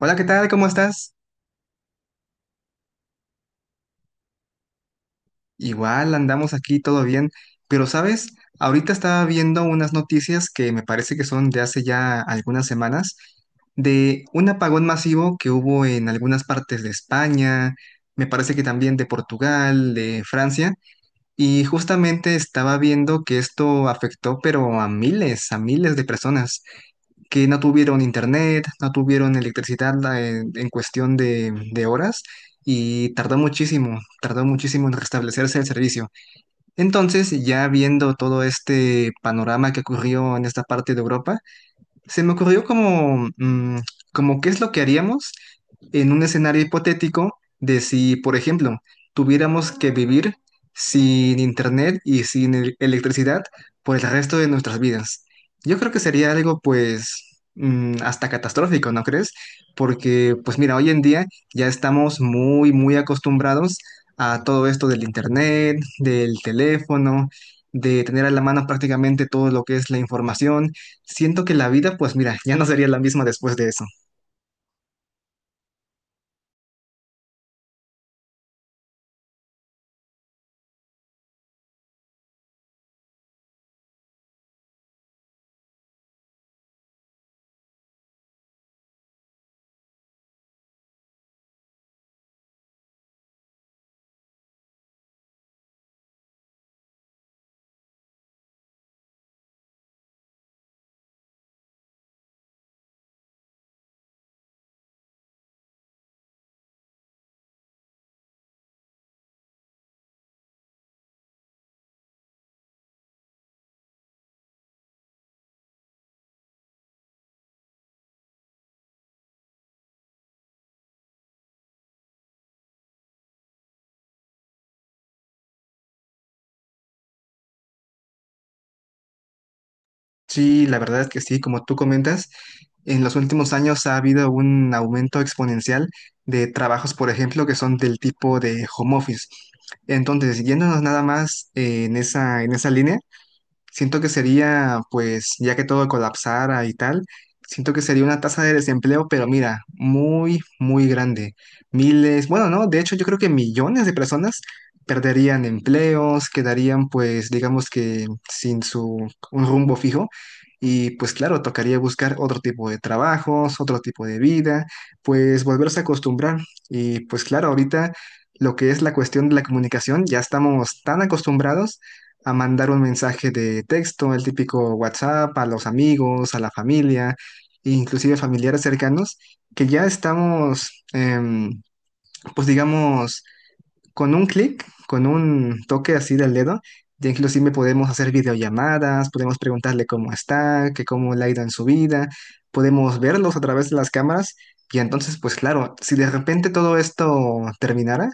Hola, ¿qué tal? ¿Cómo estás? Igual andamos aquí todo bien, pero sabes, ahorita estaba viendo unas noticias que me parece que son de hace ya algunas semanas, de un apagón masivo que hubo en algunas partes de España, me parece que también de Portugal, de Francia, y justamente estaba viendo que esto afectó pero a miles de personas, que no tuvieron internet, no tuvieron electricidad en, cuestión de horas y tardó muchísimo en restablecerse el servicio. Entonces, ya viendo todo este panorama que ocurrió en esta parte de Europa, se me ocurrió como qué es lo que haríamos en un escenario hipotético de si, por ejemplo, tuviéramos que vivir sin internet y sin electricidad por el resto de nuestras vidas. Yo creo que sería algo, pues, hasta catastrófico, ¿no crees? Porque, pues mira, hoy en día ya estamos muy, muy acostumbrados a todo esto del internet, del teléfono, de tener a la mano prácticamente todo lo que es la información. Siento que la vida, pues mira, ya no sería la misma después de eso. Sí, la verdad es que sí, como tú comentas, en los últimos años ha habido un aumento exponencial de trabajos, por ejemplo, que son del tipo de home office. Entonces, yéndonos nada más en esa línea. Siento que sería, pues, ya que todo colapsara y tal, siento que sería una tasa de desempleo, pero mira, muy, muy grande. Miles, bueno, no, de hecho yo creo que millones de personas perderían empleos, quedarían, pues, digamos que sin su, un rumbo fijo. Y pues claro, tocaría buscar otro tipo de trabajos, otro tipo de vida, pues volverse a acostumbrar. Y pues claro, ahorita lo que es la cuestión de la comunicación, ya estamos tan acostumbrados a mandar un mensaje de texto, el típico WhatsApp, a los amigos, a la familia, e inclusive familiares cercanos, que ya estamos, pues digamos, con un clic, con un toque así del dedo, ya inclusive podemos hacer videollamadas, podemos preguntarle cómo está, que cómo le ha ido en su vida, podemos verlos a través de las cámaras y entonces, pues claro, si de repente todo esto terminara,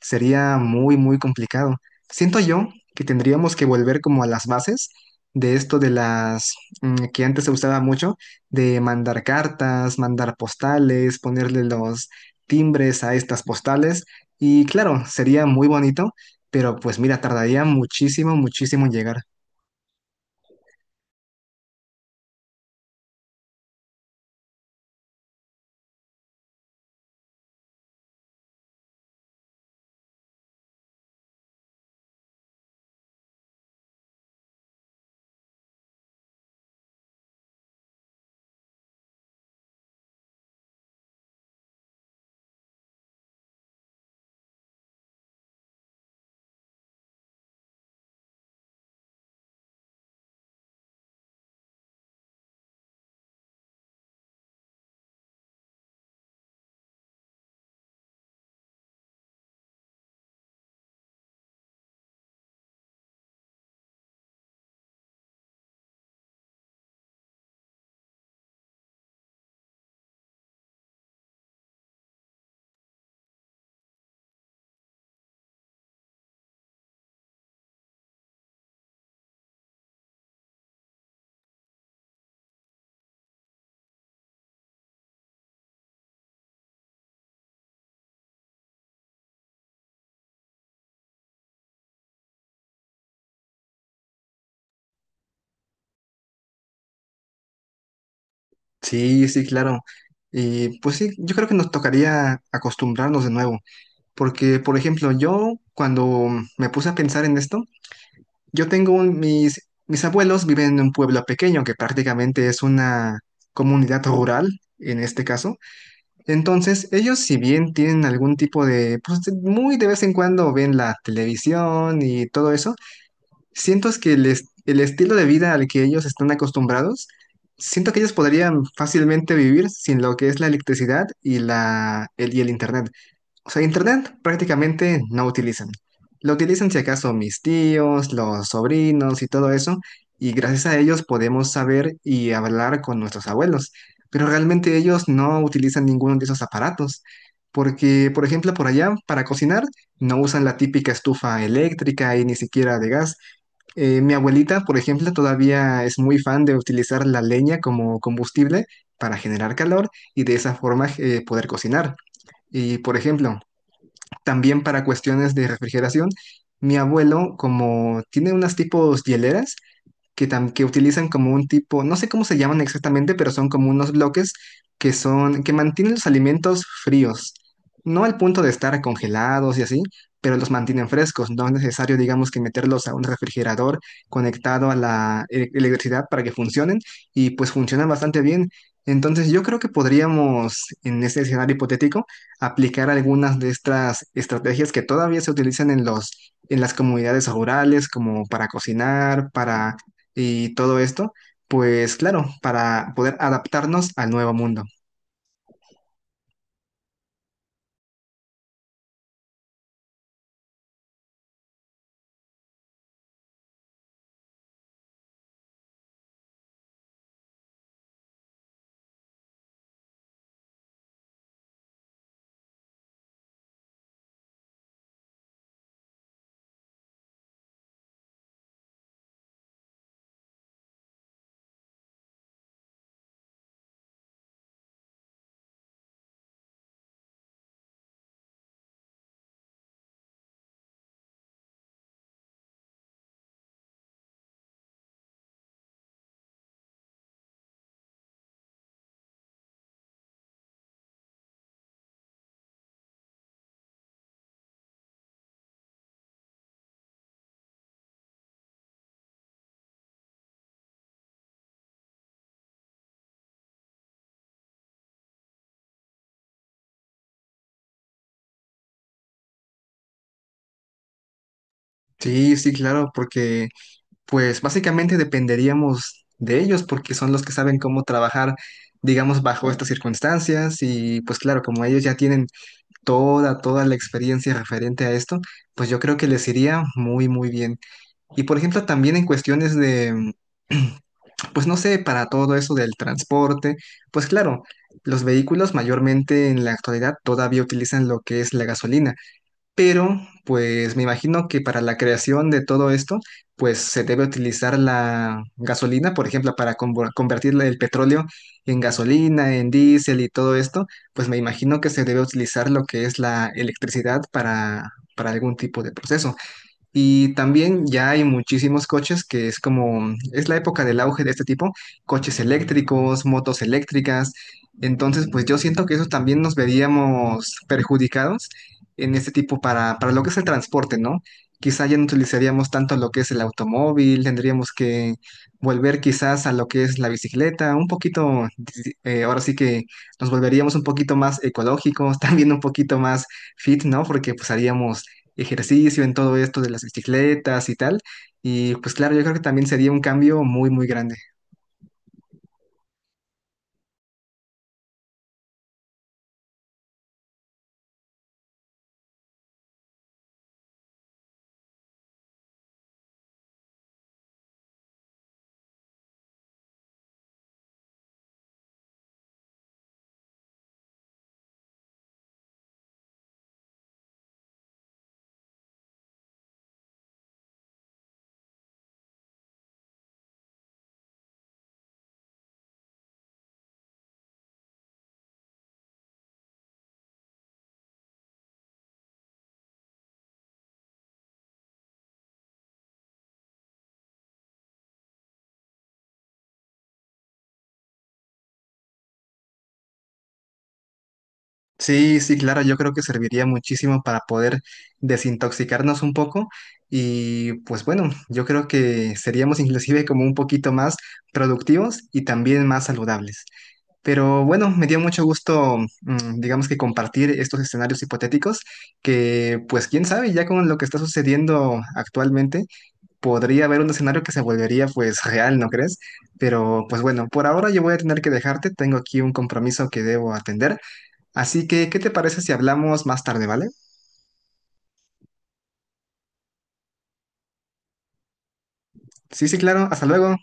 sería muy, muy complicado. Siento yo que tendríamos que volver como a las bases de esto de las, que antes se usaba mucho, de mandar cartas, mandar postales, ponerle los timbres a estas postales. Y claro, sería muy bonito, pero pues mira, tardaría muchísimo, muchísimo en llegar. Sí, sí, claro. Y pues sí, yo creo que nos tocaría acostumbrarnos de nuevo, porque por ejemplo, yo cuando me puse a pensar en esto, yo tengo mis abuelos viven en un pueblo pequeño que prácticamente es una comunidad rural en este caso. Entonces, ellos si bien tienen algún tipo de pues muy de vez en cuando ven la televisión y todo eso. Siento es que el, el estilo de vida al que ellos están acostumbrados, siento que ellos podrían fácilmente vivir sin lo que es la electricidad y y el internet. O sea, internet prácticamente no utilizan. Lo utilizan si acaso mis tíos, los sobrinos y todo eso, y gracias a ellos podemos saber y hablar con nuestros abuelos. Pero realmente ellos no utilizan ninguno de esos aparatos. Porque, por ejemplo, por allá, para cocinar, no usan la típica estufa eléctrica y ni siquiera de gas. Mi abuelita, por ejemplo, todavía es muy fan de utilizar la leña como combustible para generar calor y de esa forma poder cocinar. Y, por ejemplo, también para cuestiones de refrigeración, mi abuelo, como tiene unas tipos hieleras, que, que utilizan como un tipo, no sé cómo se llaman exactamente, pero son como unos bloques que son, que mantienen los alimentos fríos. No al punto de estar congelados y así, pero los mantienen frescos. No es necesario, digamos, que meterlos a un refrigerador conectado a la electricidad para que funcionen y pues funcionan bastante bien. Entonces yo creo que podríamos, en este escenario hipotético, aplicar algunas de estas estrategias que todavía se utilizan en los, en las comunidades rurales, como para cocinar, para y todo esto, pues claro, para poder adaptarnos al nuevo mundo. Sí, sí, claro, porque pues básicamente dependeríamos de ellos porque son los que saben cómo trabajar, digamos, bajo estas circunstancias y pues claro, como ellos ya tienen toda, toda la experiencia referente a esto, pues yo creo que les iría muy, muy bien. Y por ejemplo, también en cuestiones de... pues no sé, para todo eso del transporte, pues claro, los vehículos mayormente en la actualidad todavía utilizan lo que es la gasolina, pero pues me imagino que para la creación de todo esto, pues se debe utilizar la gasolina, por ejemplo, para convertir el petróleo en gasolina, en diésel y todo esto, pues me imagino que se debe utilizar lo que es la electricidad para algún tipo de proceso. Y también ya hay muchísimos coches que es como, es la época del auge de este tipo, coches eléctricos, motos eléctricas. Entonces, pues yo siento que eso también nos veríamos perjudicados en este tipo para lo que es el transporte, ¿no? Quizá ya no utilizaríamos tanto lo que es el automóvil, tendríamos que volver quizás a lo que es la bicicleta, un poquito, ahora sí que nos volveríamos un poquito más ecológicos, también un poquito más fit, ¿no? Porque pues haríamos ejercicio, en todo esto de las bicicletas y tal. Y pues claro, yo creo que también sería un cambio muy, muy grande. Sí, sí, claro, yo creo que serviría muchísimo para poder desintoxicarnos un poco y pues bueno, yo creo que seríamos inclusive como un poquito más productivos y también más saludables. Pero bueno, me dio mucho gusto, digamos que compartir estos escenarios hipotéticos que pues quién sabe, ya con lo que está sucediendo actualmente podría haber un escenario que se volvería pues real, ¿no crees? Pero pues bueno, por ahora yo voy a tener que dejarte, tengo aquí un compromiso que debo atender, así que ¿qué te parece si hablamos más tarde, ¿vale? Sí, sí, claro, hasta luego.